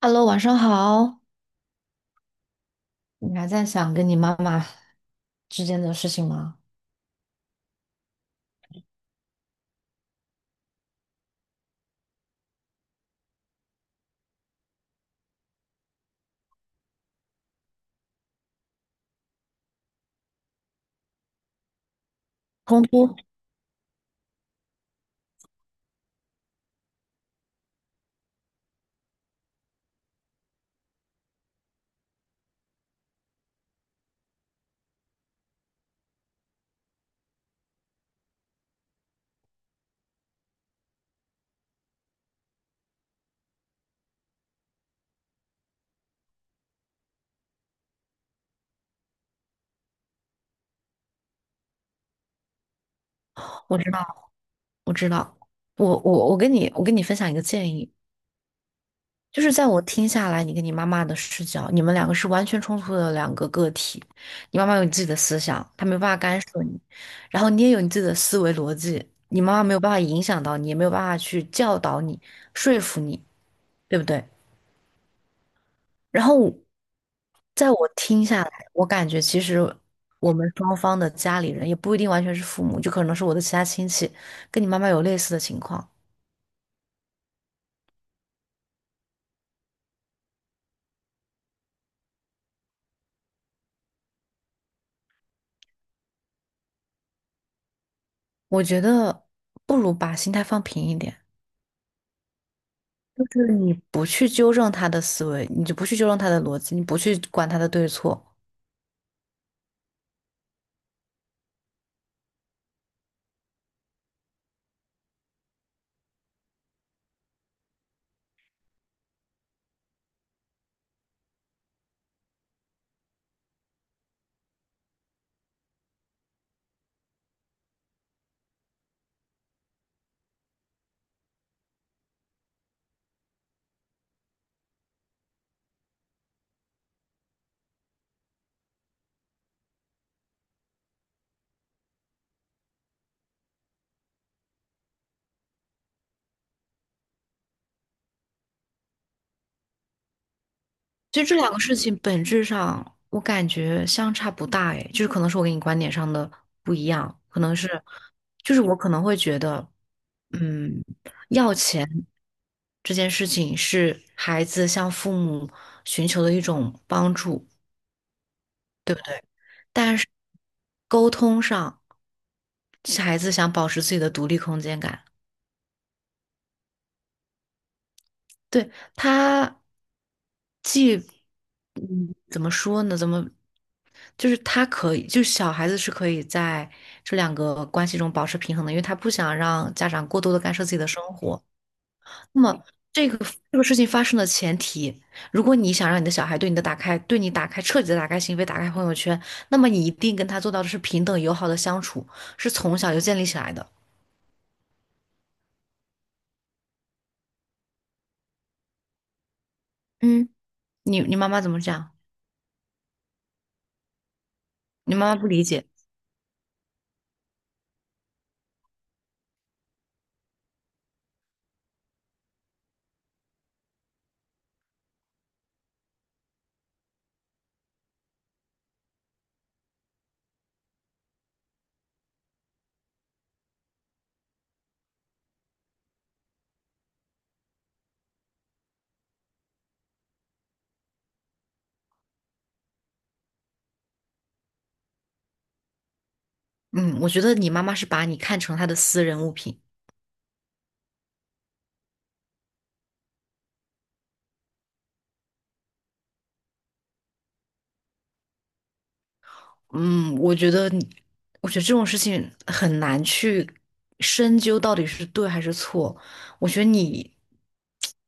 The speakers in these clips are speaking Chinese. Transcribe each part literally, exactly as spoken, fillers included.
Hello，晚上好。你还在想跟你妈妈之间的事情吗？冲突，我知道，我知道。我我我跟你我跟你分享一个建议，就是在我听下来，你跟你妈妈的视角，你们两个是完全冲突的两个个体。你妈妈有你自己的思想，她没有办法干涉你，然后你也有你自己的思维逻辑，你妈妈没有办法影响到你，也没有办法去教导你、说服你，对不对？然后，在我听下来，我感觉其实我们双方的家里人也不一定完全是父母，就可能是我的其他亲戚，跟你妈妈有类似的情况。我觉得不如把心态放平一点，就是你不去纠正他的思维，你就不去纠正他的逻辑，你不去管他的对错，其实这两个事情本质上，我感觉相差不大，诶，就是可能是我跟你观点上的不一样，可能是，就是我可能会觉得，嗯，要钱这件事情是孩子向父母寻求的一种帮助，对不对？但是沟通上，孩子想保持自己的独立空间感。对，他，既嗯怎么说呢？怎么就是他可以，就是小孩子是可以在这两个关系中保持平衡的，因为他不想让家长过多的干涉自己的生活。那么这个这个事情发生的前提，如果你想让你的小孩对你的打开，对你打开彻底的打开心扉，打开朋友圈，那么你一定跟他做到的是平等友好的相处，是从小就建立起来的。嗯，你你妈妈怎么讲？你妈妈不理解。嗯，我觉得你妈妈是把你看成她的私人物品。嗯，我觉得你，我觉得这种事情很难去深究到底是对还是错。我觉得你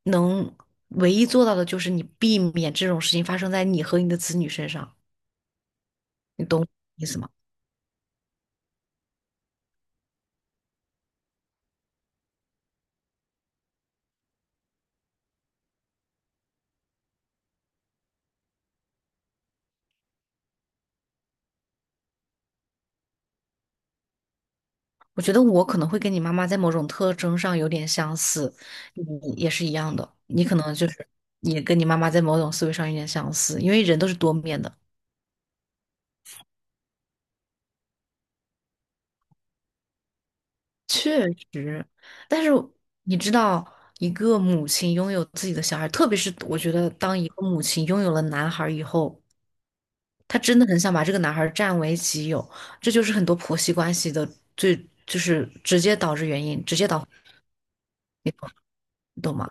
能唯一做到的就是你避免这种事情发生在你和你的子女身上，你懂我意思吗？我觉得我可能会跟你妈妈在某种特征上有点相似，你也是一样的，你可能就是也跟你妈妈在某种思维上有点相似，因为人都是多面的。确实，但是你知道，一个母亲拥有自己的小孩，特别是我觉得，当一个母亲拥有了男孩以后，她真的很想把这个男孩占为己有，这就是很多婆媳关系的最，就是直接导致原因，直接导，你懂吗？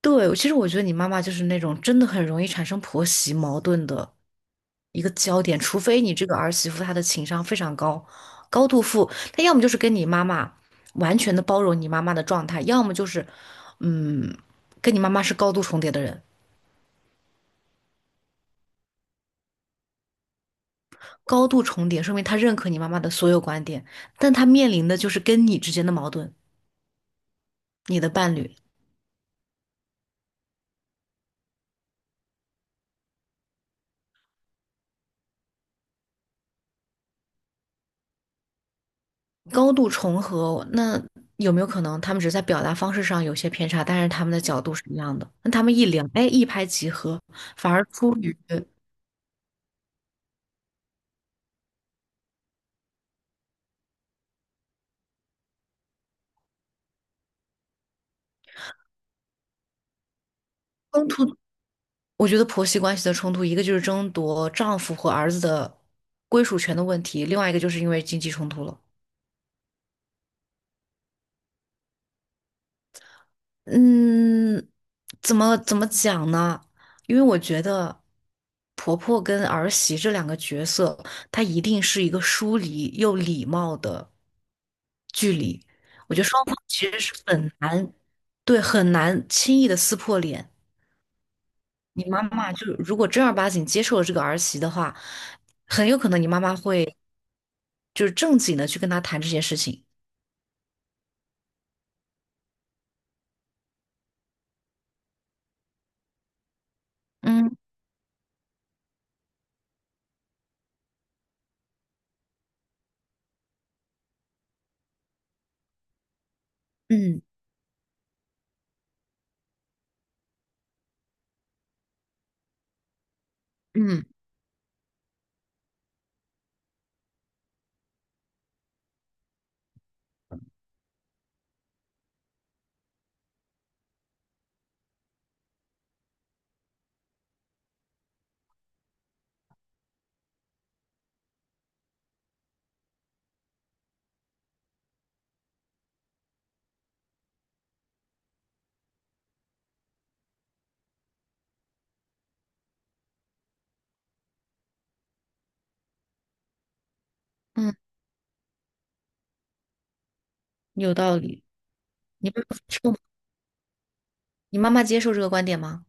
对，其实我觉得你妈妈就是那种真的很容易产生婆媳矛盾的一个焦点，除非你这个儿媳妇她的情商非常高，高度富，她要么就是跟你妈妈完全的包容你妈妈的状态，要么就是，嗯，跟你妈妈是高度重叠的人。高度重叠说明她认可你妈妈的所有观点，但她面临的就是跟你之间的矛盾，你的伴侣。高度重合，那有没有可能他们只是在表达方式上有些偏差，但是他们的角度是一样的？那他们一聊，哎，一拍即合，反而出于冲突。我觉得婆媳关系的冲突，一个就是争夺丈夫和儿子的归属权的问题，另外一个就是因为经济冲突了。嗯，怎么怎么讲呢？因为我觉得婆婆跟儿媳这两个角色，她一定是一个疏离又礼貌的力。我觉得双方其实是很难，对，很难轻易的撕破脸。你妈妈就如果正儿八经接受了这个儿媳的话，很有可能你妈妈会就是正经的去跟她谈这件事情。嗯嗯嗯嗯，有道理。你不妈接受吗？你妈妈接受这个观点吗？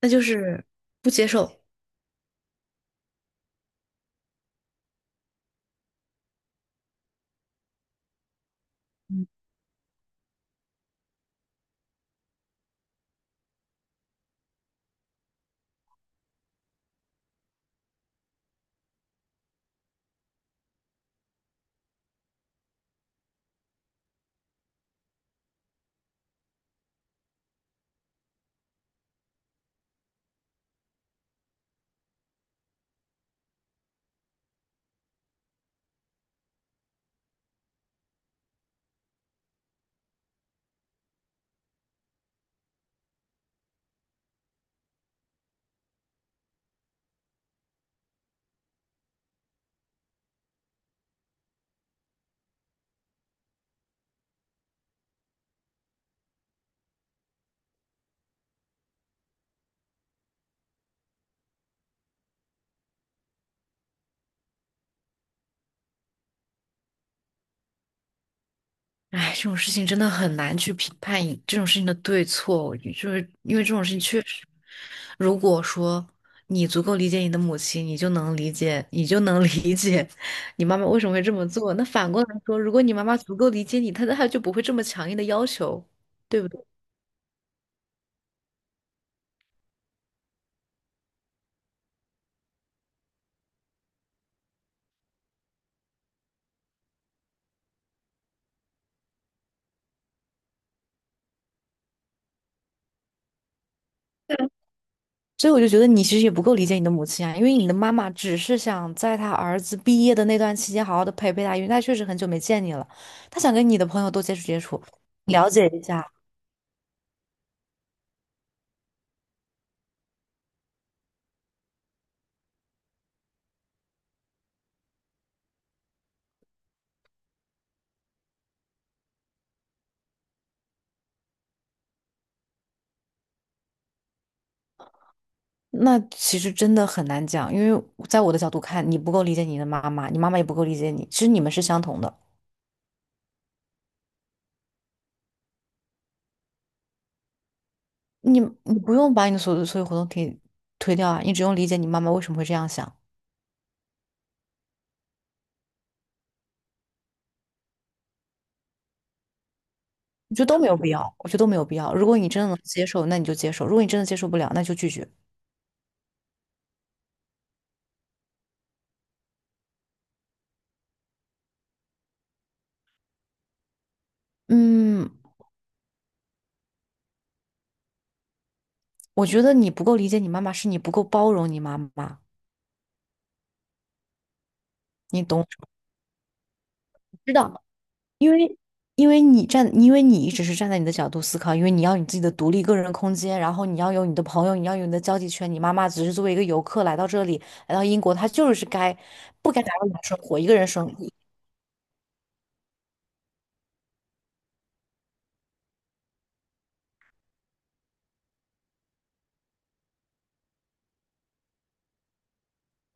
那就是不接受。哎，这种事情真的很难去评判一这种事情的对错，就是因为这种事情确实，如果说你足够理解你的母亲，你就能理解，你就能 理解你妈妈为什么会这么做。那反过来说，如果你妈妈足够理解你，她她就不会这么强硬的要求，对不对？对，所以我就觉得你其实也不够理解你的母亲啊，因为你的妈妈只是想在她儿子毕业的那段期间好好的陪陪他，因为她确实很久没见你了，她想跟你的朋友多接触接触，了解一下。那其实真的很难讲，因为在我的角度看，你不够理解你的妈妈，你妈妈也不够理解你，其实你们是相同的，你你不用把你的所有所有活动可以推掉啊，你只用理解你妈妈为什么会这样想，我觉得都没有必要，我觉得都没有必要。如果你真的能接受，那你就接受；如果你真的接受不了，那就拒绝。嗯，我觉得你不够理解你妈妈，是你不够包容你妈妈，你懂？知道，因为因为你站，因为你一直是站在你的角度思考，因为你要有你自己的独立个人空间，然后你要有你的朋友，你要有你的交际圈。你妈妈只是作为一个游客来到这里，来到英国，她就是该不该打扰你的生活，一个人生活，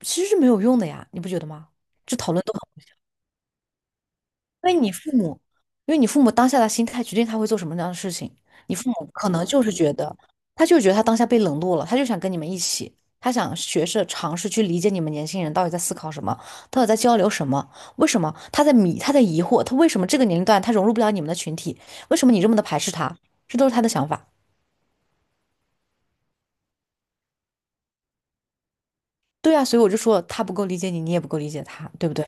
其实是没有用的呀，你不觉得吗？这讨论都很。因为你父母，因为你父母当下的心态决定他会做什么样的事情。你父母可能就是觉得，他就觉得他当下被冷落了，他就想跟你们一起，他想学着尝试去理解你们年轻人到底在思考什么，到底在交流什么，为什么他在迷，他在疑惑，他为什么这个年龄段他融入不了你们的群体，为什么你这么的排斥他，这都是他的想法。对啊，所以我就说他不够理解你，你也不够理解他，对不对？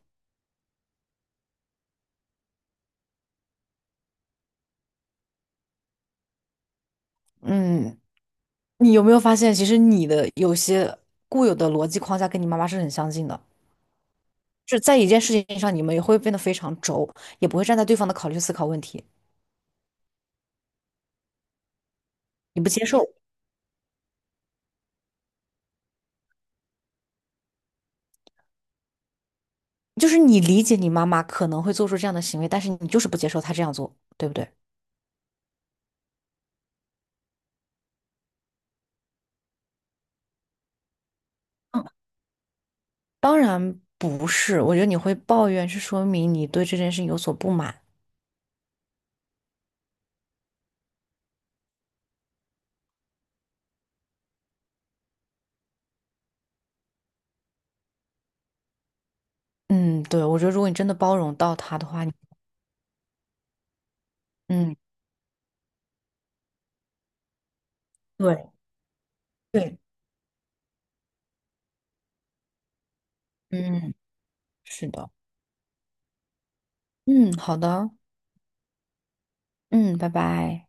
嗯，你有没有发现，其实你的有些固有的逻辑框架跟你妈妈是很相近的？是在一件事情上，你们也会变得非常轴，也不会站在对方的考虑思考问题，你不接受，就是你理解你妈妈可能会做出这样的行为，但是你就是不接受她这样做，对不对？嗯，当然不是，我觉得你会抱怨是说明你对这件事情有所不满。嗯，对，我觉得如果你真的包容到他的话，你嗯，对对，嗯，是的，嗯，好的，嗯，拜拜。